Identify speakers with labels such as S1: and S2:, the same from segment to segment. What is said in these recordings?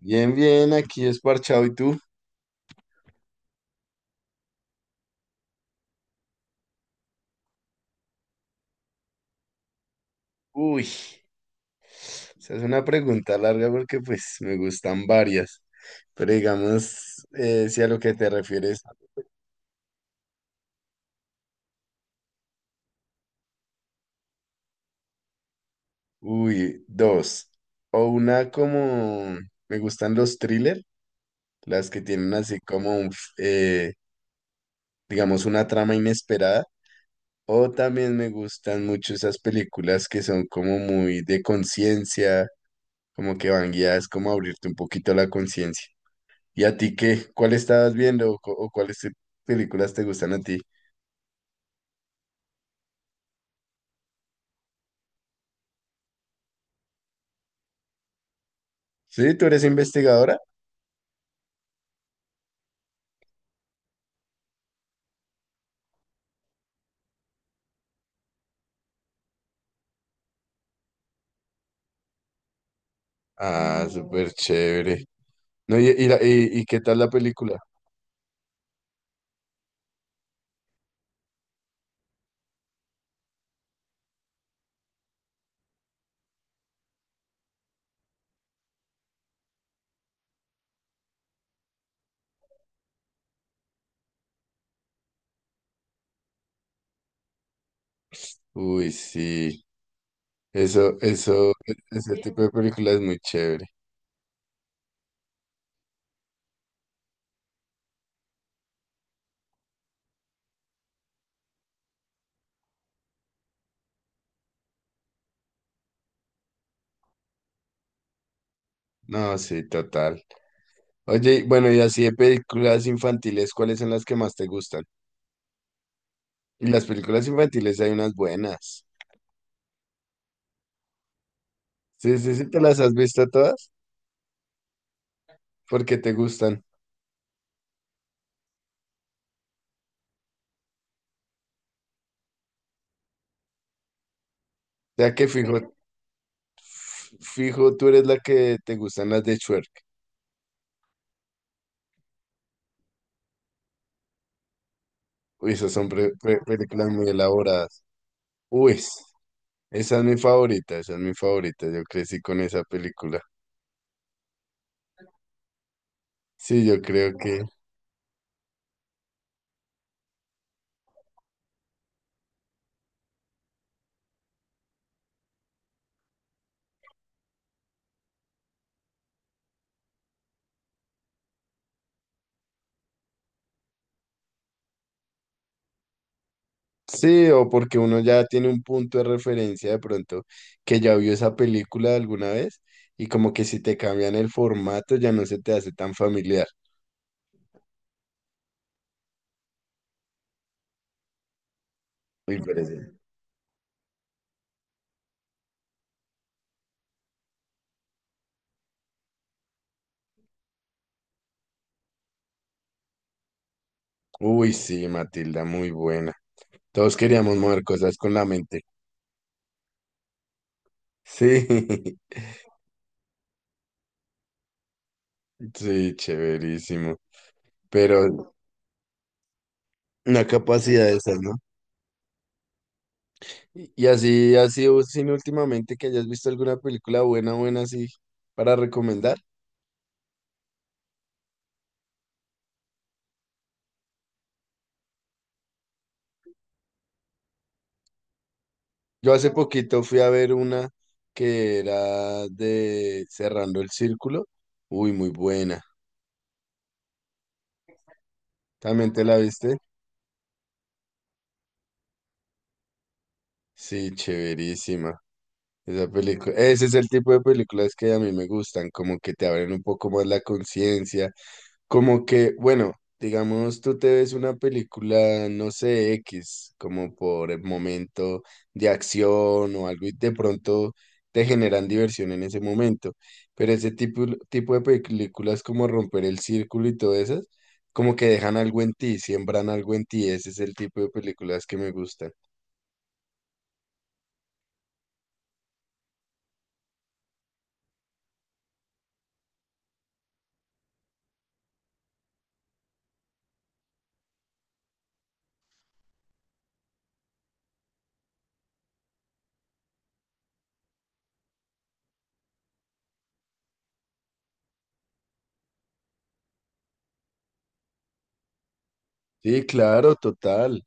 S1: Bien, bien, aquí es parchado. ¿Y tú? Uy, esa es una pregunta larga porque pues me gustan varias. Pero digamos, si a lo que te refieres, uy, dos. O una como, me gustan los thriller, las que tienen así como, digamos, una trama inesperada. O también me gustan mucho esas películas que son como muy de conciencia, como que van guiadas como a abrirte un poquito la conciencia. ¿Y a ti qué? ¿Cuál estabas viendo o, o cuáles películas te gustan a ti? Sí, tú eres investigadora. Ah, súper chévere. No, ¿y qué tal la película? Uy, sí. Ese tipo de película es muy chévere. No, sí, total. Oye, y bueno, y así de películas infantiles, ¿cuáles son las que más te gustan? Y las películas infantiles hay unas buenas. Sí, sí, sí, ¿te las has visto todas porque te gustan? Ya que fijo, fijo, tú eres la que te gustan las de Shrek. Uy, esas son películas muy elaboradas. Uy, esa es mi favorita, esa es mi favorita. Yo crecí con esa película. Sí, yo creo que sí, o porque uno ya tiene un punto de referencia de pronto que ya vio esa película alguna vez y como que si te cambian el formato ya no se te hace tan familiar. Me parece. Uy, sí, Matilda, muy buena. Todos queríamos mover cosas con la mente. Sí, sí, chéverísimo. Pero una capacidad de esas, ¿no? Y o sin últimamente que hayas visto alguna película buena, buena, así, para recomendar. Yo hace poquito fui a ver una que era de Cerrando el Círculo. Uy, muy buena. ¿También te la viste? Sí, chéverísima. Esa película, ese es el tipo de películas que a mí me gustan, como que te abren un poco más la conciencia, como que, bueno, digamos, tú te ves una película, no sé, X, como por el momento de acción o algo y de pronto te generan diversión en ese momento, pero ese tipo de películas como Romper el Círculo y todas esas, como que dejan algo en ti, siembran algo en ti, ese es el tipo de películas que me gustan. Sí, claro, total.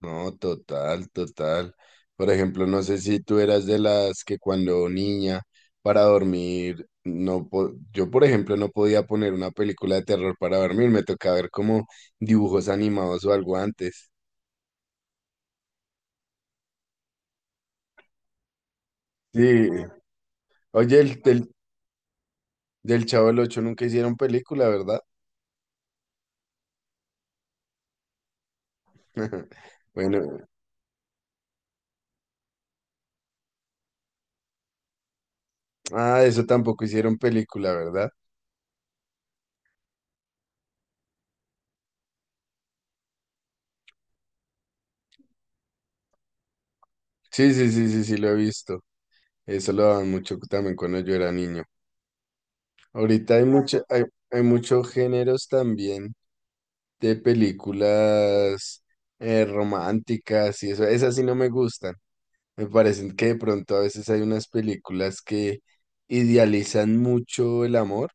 S1: No, total, total. Por ejemplo, no sé si tú eras de las que cuando niña para dormir, no po- yo por ejemplo no podía poner una película de terror para dormir, me tocaba ver como dibujos animados o algo antes. Sí. Oye, del Chavo del Ocho nunca hicieron película, ¿verdad? Bueno, ah, eso tampoco hicieron película, ¿verdad? Sí, sí, sí, sí, sí, lo he visto. Eso lo daban mucho también cuando yo era niño. Ahorita hay mucho, hay muchos géneros también de películas, románticas y eso, esas sí no me gustan. Me parecen que de pronto a veces hay unas películas que idealizan mucho el amor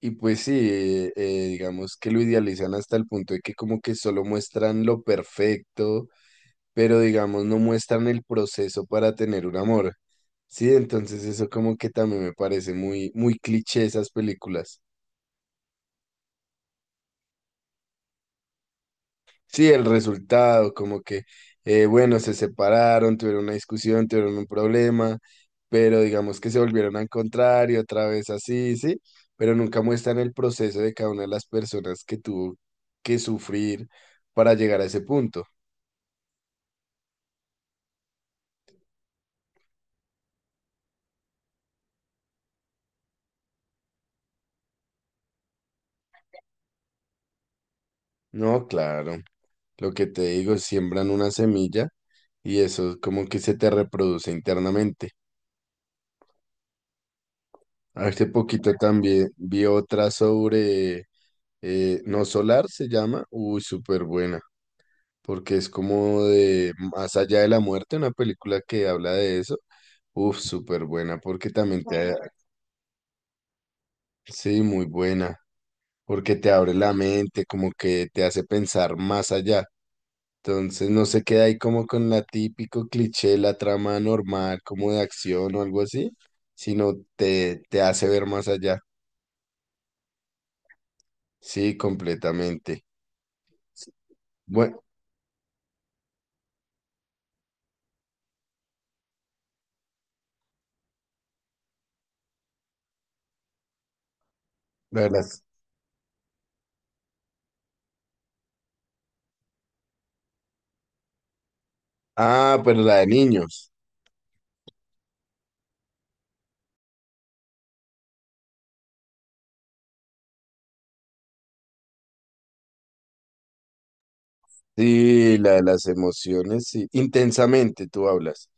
S1: y pues sí, digamos que lo idealizan hasta el punto de que como que solo muestran lo perfecto, pero digamos no muestran el proceso para tener un amor. Sí, entonces eso como que también me parece muy, muy cliché esas películas. Sí, el resultado, como que, bueno, se separaron, tuvieron una discusión, tuvieron un problema, pero digamos que se volvieron a encontrar y otra vez así, sí, pero nunca muestran el proceso de cada una de las personas que tuvo que sufrir para llegar a ese punto. No, claro, lo que te digo, siembran una semilla y eso como que se te reproduce internamente. Hace poquito también vi otra sobre, No Solar se llama, uy, súper buena. Porque es como de Más allá de la muerte, una película que habla de eso. Uf, súper buena, porque también te... Bueno, sí, muy buena, porque te abre la mente, como que te hace pensar más allá. Entonces no se queda ahí como con la típico cliché, la trama normal, como de acción o algo así, sino te, te hace ver más allá. Sí, completamente. Bueno, la de las... Ah, pero la de niños. Sí, la de las emociones, sí. Intensamente tú hablas.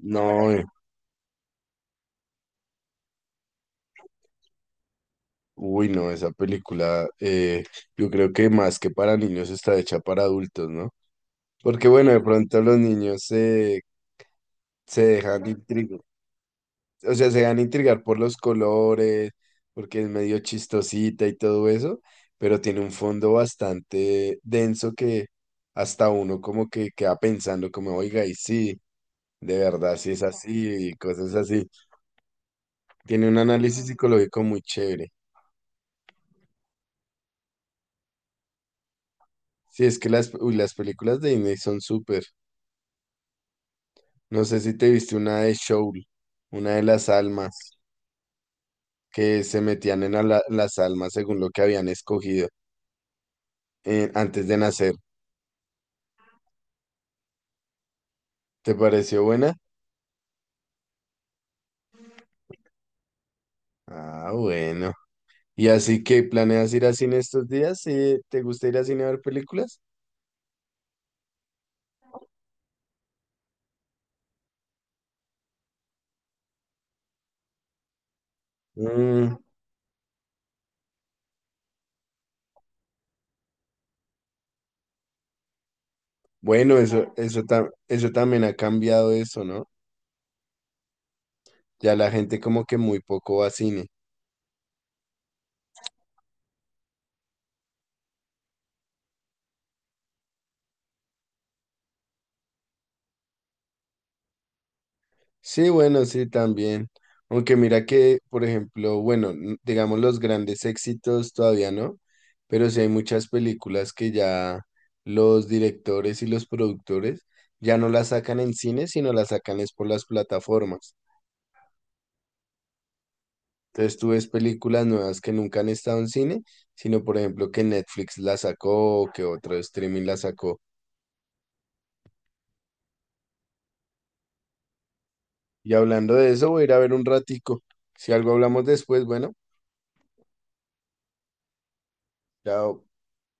S1: No, uy, no, esa película, yo creo que más que para niños está hecha para adultos, ¿no? Porque bueno, de pronto los niños se, se dejan intrigar, o sea, se dejan intrigar por los colores, porque es medio chistosita y todo eso, pero tiene un fondo bastante denso que hasta uno como que queda pensando como, oiga, y sí, de verdad, sí es así, y cosas así. Tiene un análisis psicológico muy chévere. Sí, es que las, uy, las películas de Disney son súper. No sé si te viste una de Soul, una de las almas, que se metían en las almas según lo que habían escogido antes de nacer. ¿Te pareció buena? Ah, bueno. ¿Y así que planeas ir a cine estos días? ¿Sí? ¿Te gusta ir a cine a ver películas? Mm, bueno, eso también ha cambiado eso, ¿no? Ya la gente como que muy poco va a cine. Sí, bueno, sí, también. Aunque mira que, por ejemplo, bueno, digamos los grandes éxitos todavía no, pero sí hay muchas películas que ya los directores y los productores ya no las sacan en cine, sino las sacan es por las plataformas. Entonces tú ves películas nuevas que nunca han estado en cine, sino por ejemplo que Netflix la sacó o que otro streaming la sacó. Y hablando de eso, voy a ir a ver un ratico. Si algo hablamos después, bueno, chao.